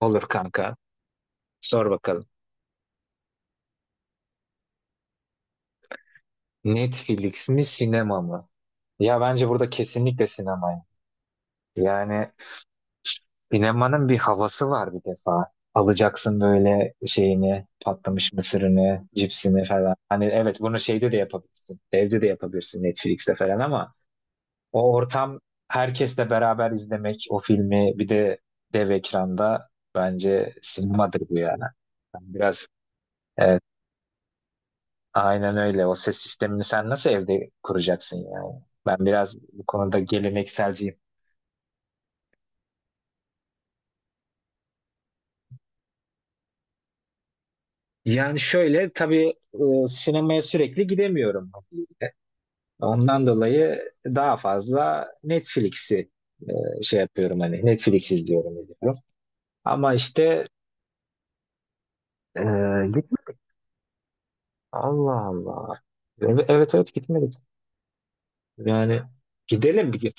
Olur kanka. Sor bakalım. Netflix mi sinema mı? Ya bence burada kesinlikle sinema. Yani sinemanın bir havası var bir defa. Alacaksın böyle şeyini, patlamış mısırını, cipsini falan. Hani evet bunu şeyde de yapabilirsin. Evde de yapabilirsin Netflix'te falan ama o ortam herkesle beraber izlemek o filmi bir de dev ekranda bence sinemadır bu yani. Ben biraz e, Aynen öyle. O ses sistemini sen nasıl evde kuracaksın yani? Ben biraz bu konuda gelenekselciyim. Yani şöyle tabii, sinemaya sürekli gidemiyorum. E, Ondan dolayı daha fazla Netflix'i, şey yapıyorum hani Netflix izliyorum ediyorum. Ama işte e, gitmedik. Allah Allah. Evet evet evet, gitmedik. Yani gidelim bir gün.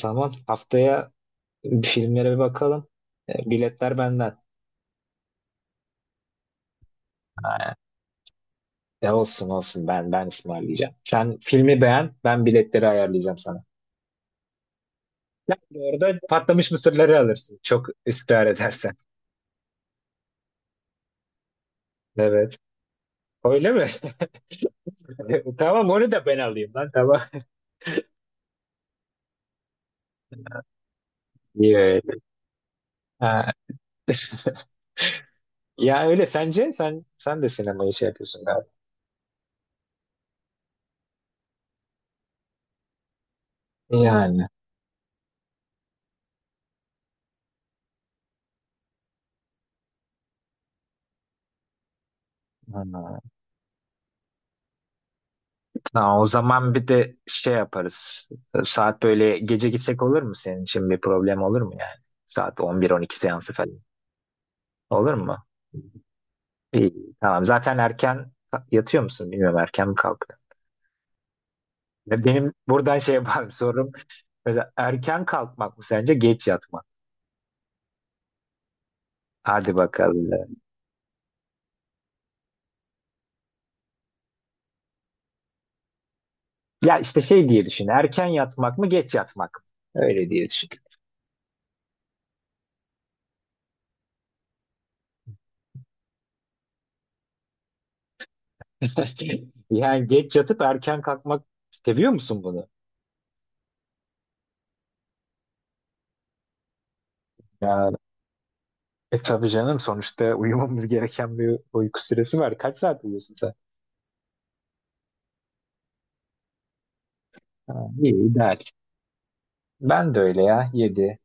Tamam haftaya filmlere bir bakalım. E, biletler benden. Ya olsun olsun ben ısmarlayacağım. Sen filmi beğen, ben biletleri ayarlayacağım sana. Yani orada patlamış mısırları alırsın. Çok ısrar edersen. Evet. Öyle mi? Tamam onu da ben alayım lan tamam. İyi öyle. Ha, ya öyle sence sen de sinemayı şey yapıyorsun galiba. Yani. Ha. Ha, o zaman bir de şey yaparız. Saat böyle gece gitsek olur mu senin için bir problem olur mu yani? Saat 11-12 seansı falan. Olur mu? İyi, tamam. Zaten erken yatıyor musun bilmiyorum. Erken mi kalkıyor? Ve benim buradan şey yapar sorum. Mesela erken kalkmak mı sence geç yatmak? Hadi bakalım. Ya işte şey diye düşün. Erken yatmak mı geç yatmak mı? Öyle diye düşün. Yani geç yatıp erken kalkmak seviyor musun bunu? Ya tabii canım sonuçta uyumamız gereken bir uyku süresi var. Kaç saat uyuyorsun sen? Ha, iyi, ideal. Ben de öyle ya 7.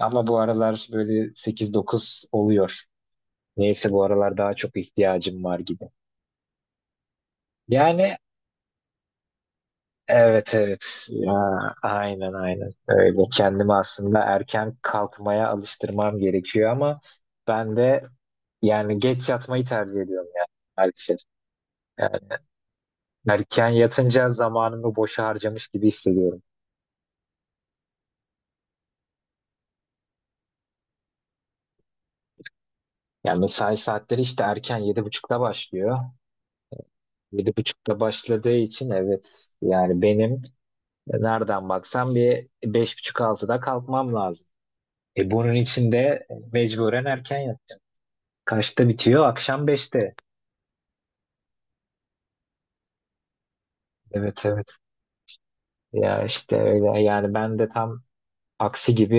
Ama bu aralar böyle sekiz dokuz oluyor. Neyse bu aralar daha çok ihtiyacım var gibi. Yani evet evet ya, aynen aynen öyle. Kendimi aslında erken kalkmaya alıştırmam gerekiyor ama ben de yani geç yatmayı tercih ediyorum yani maalesef. Yani erken yatınca zamanımı boşa harcamış gibi hissediyorum. Yani mesai saatleri işte erken 7.30'da başlıyor. 7.30'da başladığı için evet yani benim nereden baksam bir beş buçuk altıda kalkmam lazım. E bunun için de mecburen erken yat. Kaçta bitiyor? Akşam 5'te. Evet evet. Ya işte öyle yani ben de tam aksi gibi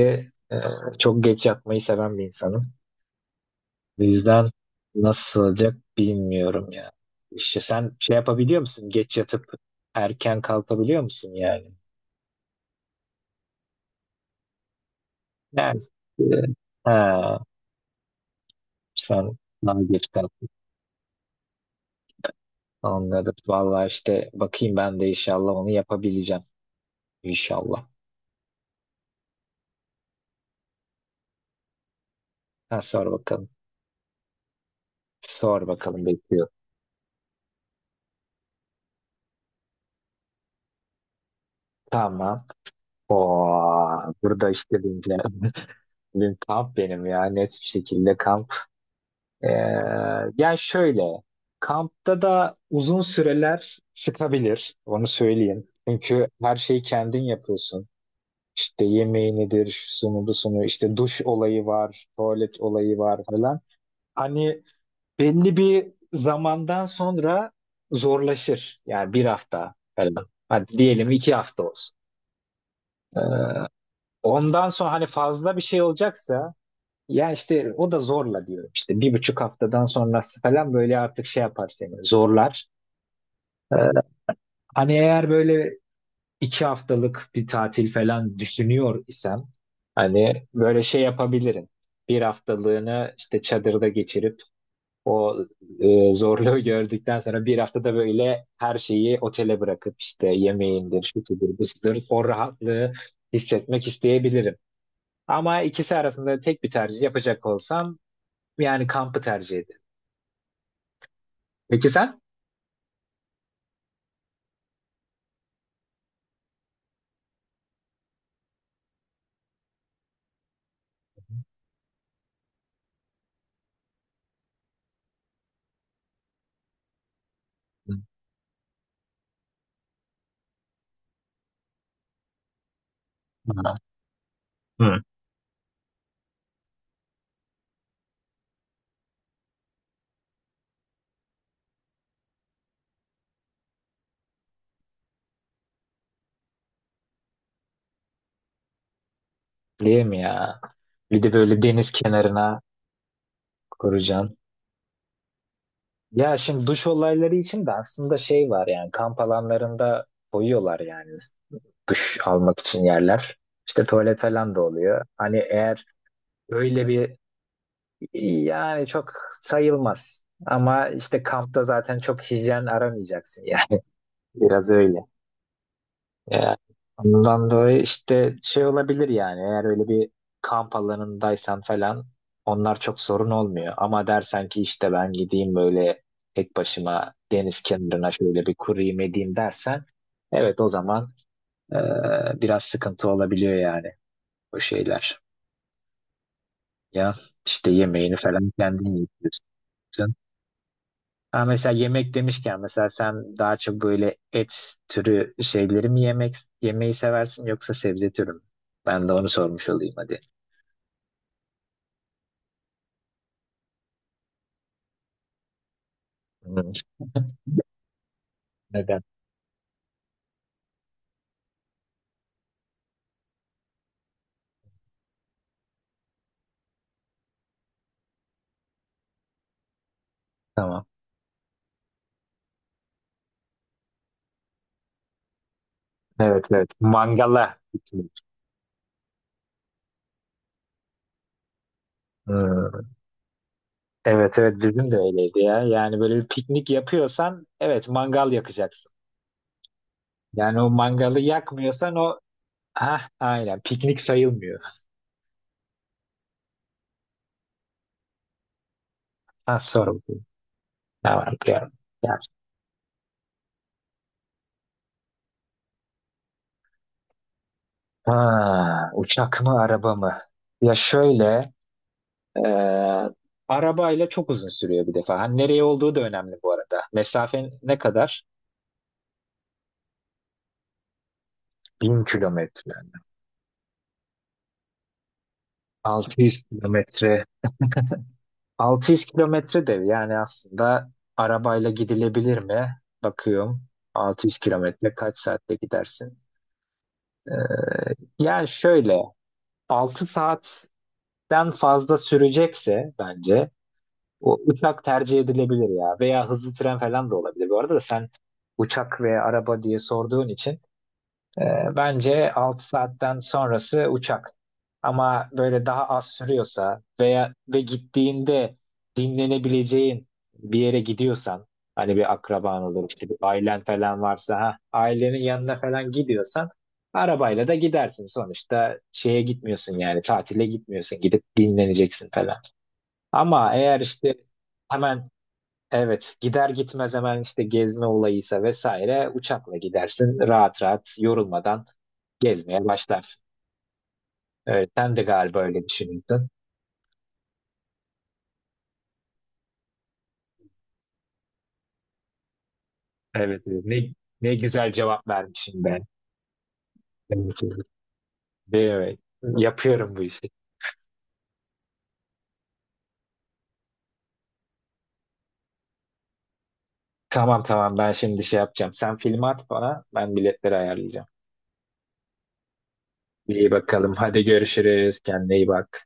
e, çok geç yatmayı seven bir insanım. O yüzden nasıl olacak bilmiyorum ya. İşte sen şey yapabiliyor musun? Geç yatıp erken kalkabiliyor musun yani? Yani e, ha, sen daha geç kalktın. Anladım. Vallahi işte bakayım ben de inşallah onu yapabileceğim. İnşallah. Ha, sor bakalım. Sor bakalım bekliyor. Tamam. O burada işte deyince benim kamp benim ya net bir şekilde kamp. Ee, yani şöyle kampta da uzun süreler sıkabilir onu söyleyeyim. Çünkü her şeyi kendin yapıyorsun. İşte yemeği nedir, şusunu busunu, işte duş olayı var, tuvalet olayı var falan. Hani belli bir zamandan sonra zorlaşır. Yani bir hafta falan. Hadi diyelim 2 hafta olsun. Ee, Ondan sonra hani fazla bir şey olacaksa ya işte o da zorla diyorum. İşte 1,5 haftadan sonrası falan böyle artık şey yapar seni zorlar. Ee, hani eğer böyle 2 haftalık bir tatil falan düşünüyor isem hani böyle şey yapabilirim. Bir haftalığını işte çadırda geçirip o zorluğu gördükten sonra bir haftada böyle her şeyi otele bırakıp işte yemeğindir, şu budur, bu budur, o rahatlığı hissetmek isteyebilirim. Ama ikisi arasında tek bir tercih yapacak olsam yani kampı tercih ederim. Peki sen? Hı. Hı. Değil mi ya? Bir de böyle deniz kenarına kuracaksın. Ya şimdi duş olayları için de aslında şey var yani kamp alanlarında koyuyorlar yani duş almak için yerler. İşte tuvalet falan da oluyor. Hani eğer öyle bir yani çok sayılmaz. Ama işte kampta zaten çok hijyen aramayacaksın yani. Biraz öyle. Yani ondan dolayı işte şey olabilir yani eğer öyle bir kamp alanındaysan falan onlar çok sorun olmuyor. Ama dersen ki işte ben gideyim böyle tek başıma deniz kenarına şöyle bir kurayım edeyim dersen evet o zaman, biraz sıkıntı olabiliyor yani o şeyler. Ya işte yemeğini falan kendin yapıyorsun. Ha, mesela yemek demişken mesela sen daha çok böyle et türü şeyleri mi yemek yemeyi seversin yoksa sebze türü mü? Ben de onu sormuş olayım hadi. Hmm, neden? Tamam. Evet evet. Mangala gitmek. Hmm, evet evet bizim de öyleydi ya. Yani böyle bir piknik yapıyorsan evet mangal yakacaksın. Yani o mangalı yakmıyorsan o ha aynen piknik sayılmıyor. Ha sor bakayım. Tamam. Ya, ya. Ha, uçak mı araba mı? Ya şöyle Ee, arabayla çok uzun sürüyor bir defa. Hani nereye olduğu da önemli bu arada. Mesafen ne kadar? 1.000 kilometre. 600 kilometre. 600 kilometre de yani aslında arabayla gidilebilir mi? Bakıyorum. Altı yüz kilometre kaç saatte gidersin? Ee, yani şöyle 6 saatten fazla sürecekse bence o uçak tercih edilebilir ya veya hızlı tren falan da olabilir. Bu arada da sen uçak veya araba diye sorduğun için bence 6 saatten sonrası uçak. Ama böyle daha az sürüyorsa veya ve gittiğinde dinlenebileceğin bir yere gidiyorsan hani bir akraban olur işte bir ailen falan varsa ha ailenin yanına falan gidiyorsan arabayla da gidersin sonuçta şeye gitmiyorsun yani tatile gitmiyorsun gidip dinleneceksin falan. Ama eğer işte hemen. Evet, gider gitmez hemen işte gezme olayıysa vesaire uçakla gidersin. Rahat rahat yorulmadan gezmeye başlarsın. Evet, sen de galiba öyle düşünüyorsun. Evet, evet. Ne güzel cevap vermişim ben. Evet, evet. Evet, yapıyorum bu işi. Tamam tamam ben şimdi şey yapacağım. Sen filmi at bana, ben biletleri ayarlayacağım. İyi bakalım. Hadi görüşürüz. Kendine iyi bak.